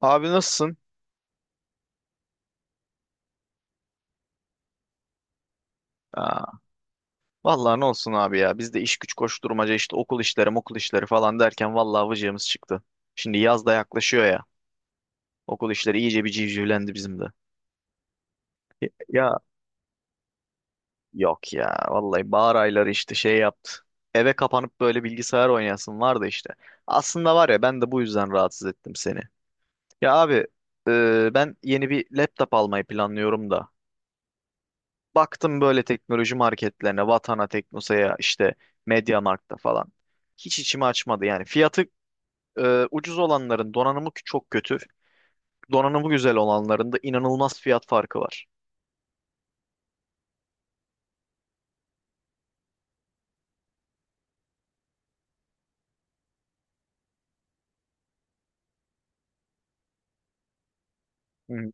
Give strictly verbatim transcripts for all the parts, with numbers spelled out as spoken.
Abi nasılsın? Aa, vallahi ne olsun abi ya. Biz de iş güç koşturmaca işte okul işleri, okul işleri falan derken vallahi vıcığımız çıktı. Şimdi yaz da yaklaşıyor ya. Okul işleri iyice bir civcivlendi bizim de. Ya yok ya. Vallahi bahar ayları işte şey yaptı. Eve kapanıp böyle bilgisayar oynayasın vardı işte. Aslında var ya ben de bu yüzden rahatsız ettim seni. Ya abi, e, ben yeni bir laptop almayı planlıyorum da. Baktım böyle teknoloji marketlerine, Vatana, Teknosa'ya, işte MediaMarkt'ta falan. Hiç içimi açmadı yani. Fiyatı e, ucuz olanların donanımı çok kötü. Donanımı güzel olanların da inanılmaz fiyat farkı var. Hı hı.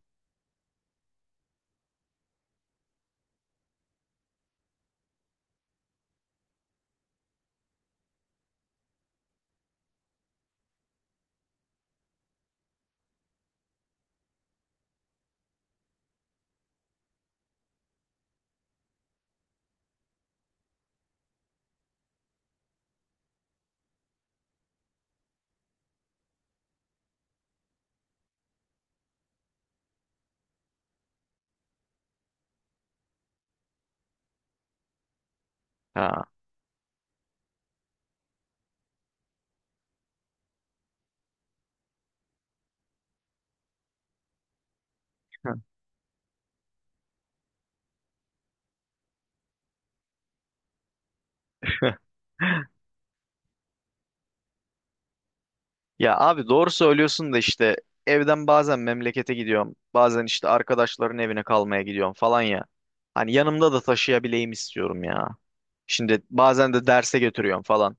Ha. Ya abi doğru söylüyorsun da işte evden bazen memlekete gidiyorum. Bazen işte arkadaşların evine kalmaya gidiyorum falan ya. Hani yanımda da taşıyabileyim istiyorum ya. Şimdi bazen de derse götürüyorum falan.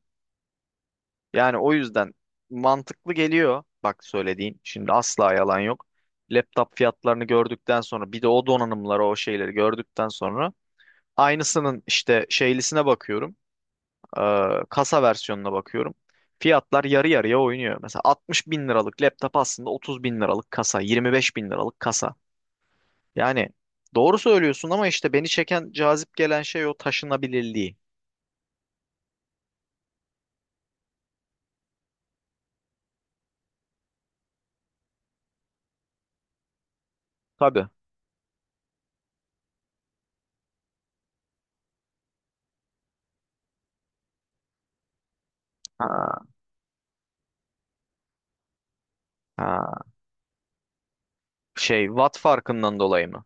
Yani o yüzden mantıklı geliyor. Bak söylediğin şimdi asla yalan yok. Laptop fiyatlarını gördükten sonra bir de o donanımları o şeyleri gördükten sonra aynısının işte şeylisine bakıyorum. Eee, kasa versiyonuna bakıyorum. Fiyatlar yarı yarıya oynuyor. Mesela altmış bin liralık laptop aslında otuz bin liralık kasa, yirmi beş bin liralık kasa. Yani doğru söylüyorsun ama işte beni çeken, cazip gelen şey o taşınabilirliği. Tabii. Ha, ha. Şey, watt farkından dolayı mı?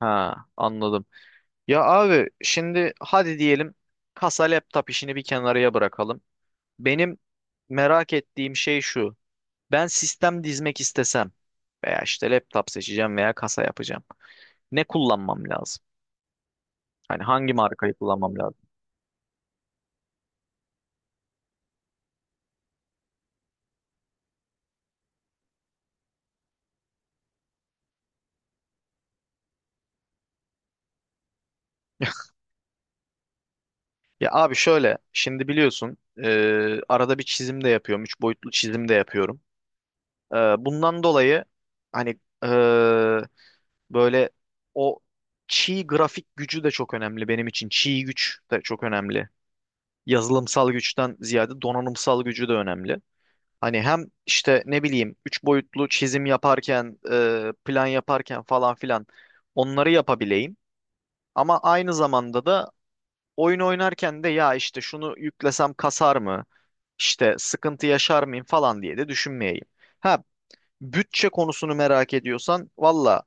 Ha, anladım. Ya abi şimdi hadi diyelim kasa laptop işini bir kenarıya bırakalım. Benim merak ettiğim şey şu. Ben sistem dizmek istesem veya işte laptop seçeceğim veya kasa yapacağım. Ne kullanmam lazım? Hani hangi markayı kullanmam lazım? Ya abi şöyle, şimdi biliyorsun, e, arada bir çizim de yapıyorum. Üç boyutlu çizim de yapıyorum. E, Bundan dolayı hani, e, böyle, o çiğ grafik gücü de çok önemli benim için. Çiğ güç de çok önemli. Yazılımsal güçten ziyade donanımsal gücü de önemli. Hani hem işte ne bileyim üç boyutlu çizim yaparken, e, plan yaparken falan filan onları yapabileyim. Ama aynı zamanda da oyun oynarken de ya işte şunu yüklesem kasar mı? İşte sıkıntı yaşar mıyım falan diye de düşünmeyeyim. Ha, bütçe konusunu merak ediyorsan valla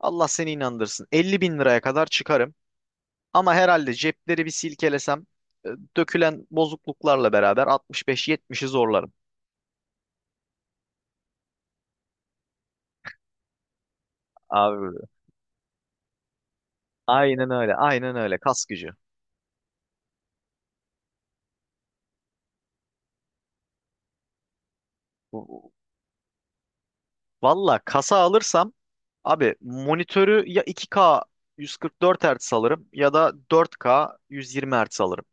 Allah seni inandırsın. elli bin liraya kadar çıkarım. Ama herhalde cepleri bir silkelesem, e, dökülen bozukluklarla beraber altmış beş yetmişi zorlarım. Abi aynen öyle. Aynen öyle. Kas gücü. Valla kasa alırsam abi monitörü ya iki K yüz kırk dört Hz alırım ya da dört K yüz yirmi Hz alırım.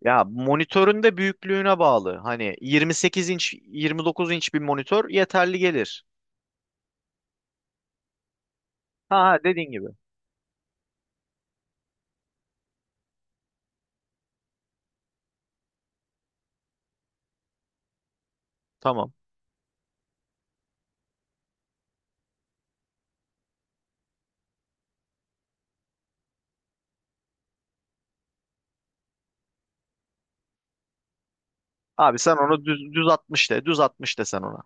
Ya monitörün de büyüklüğüne bağlı. Hani yirmi sekiz inç yirmi dokuz inç bir monitör yeterli gelir. Ha ha, dediğin gibi. Tamam. Abi sen onu düz, düz altmış de. Düz altmış de sen ona.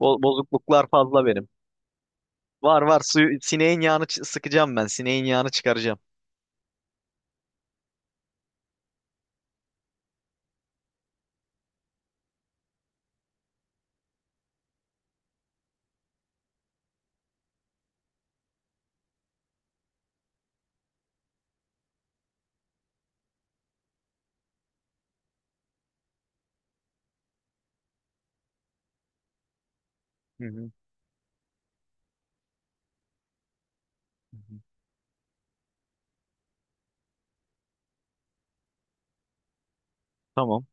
Bo- bozukluklar fazla benim. Var var, suyu sineğin yağını çı- sıkacağım ben. Sineğin yağını çıkaracağım. Hı hı. Hı hı. Tamam.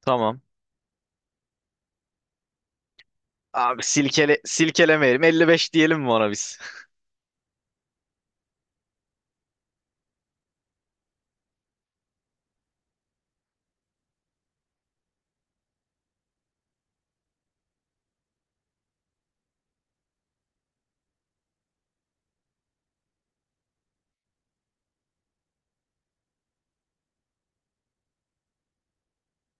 Tamam. Abi silkele silkelemeyelim. elli beş diyelim mi ona biz?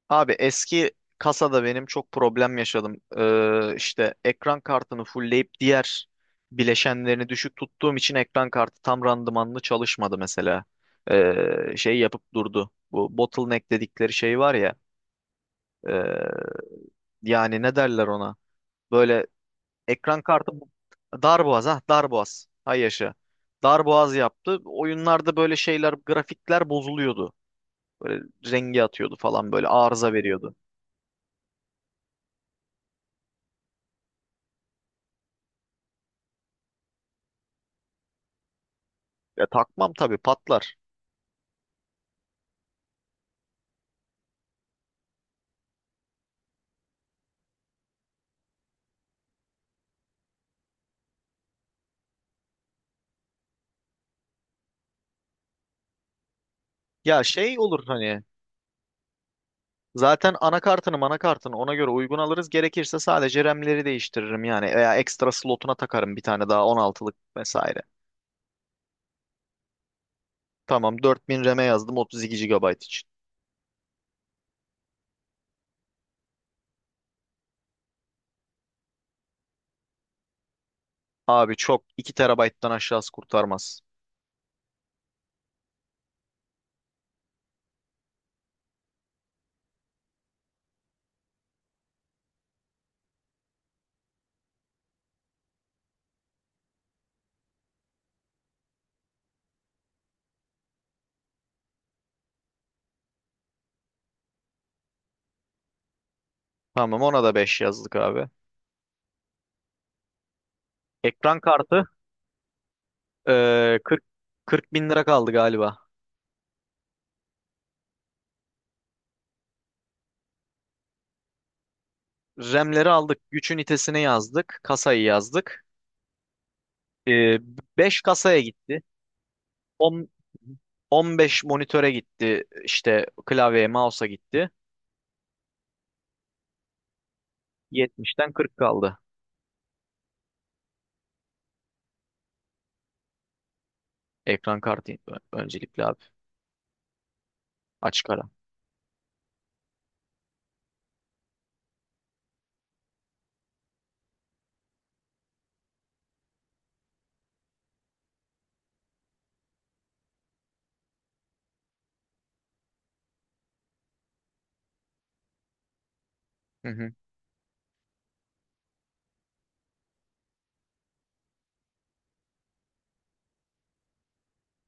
Abi eski kasada benim çok problem yaşadım. Ee, işte ekran kartını fullleyip diğer bileşenlerini düşük tuttuğum için ekran kartı tam randımanlı çalışmadı mesela. Ee, şey yapıp durdu. Bu bottleneck dedikleri şey var ya. e, Yani ne derler ona? Böyle ekran kartı bu- Darboğaz, ha, darboğaz. Hay yaşa. Darboğaz yaptı. Oyunlarda böyle şeyler, grafikler bozuluyordu. Böyle rengi atıyordu falan, böyle arıza veriyordu. Ya takmam tabii, patlar. Ya şey olur, hani zaten anakartını manakartını ona göre uygun alırız. Gerekirse sadece RAM'leri değiştiririm yani veya ekstra slotuna takarım bir tane daha on altılık vesaire. Tamam, dört bin RAM'e yazdım, otuz iki gigabayt için. Abi çok, iki terabayttan aşağısı kurtarmaz. Tamam, ona da beş yazdık abi. Ekran kartı. Ee, kırk kırk bin lira kaldı galiba. RAM'leri aldık. Güç ünitesine yazdık. Kasayı yazdık. Ee, beş kasaya gitti. on, on beş monitöre gitti. İşte klavyeye, mouse'a gitti. yetmişten kırk kaldı. Ekran kartı ö- öncelikli abi. Açık ara. Hı hı.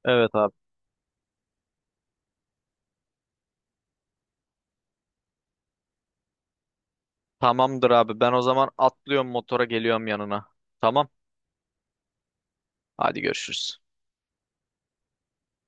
Evet abi. Tamamdır abi. Ben o zaman atlıyorum motora, geliyorum yanına. Tamam. Hadi görüşürüz.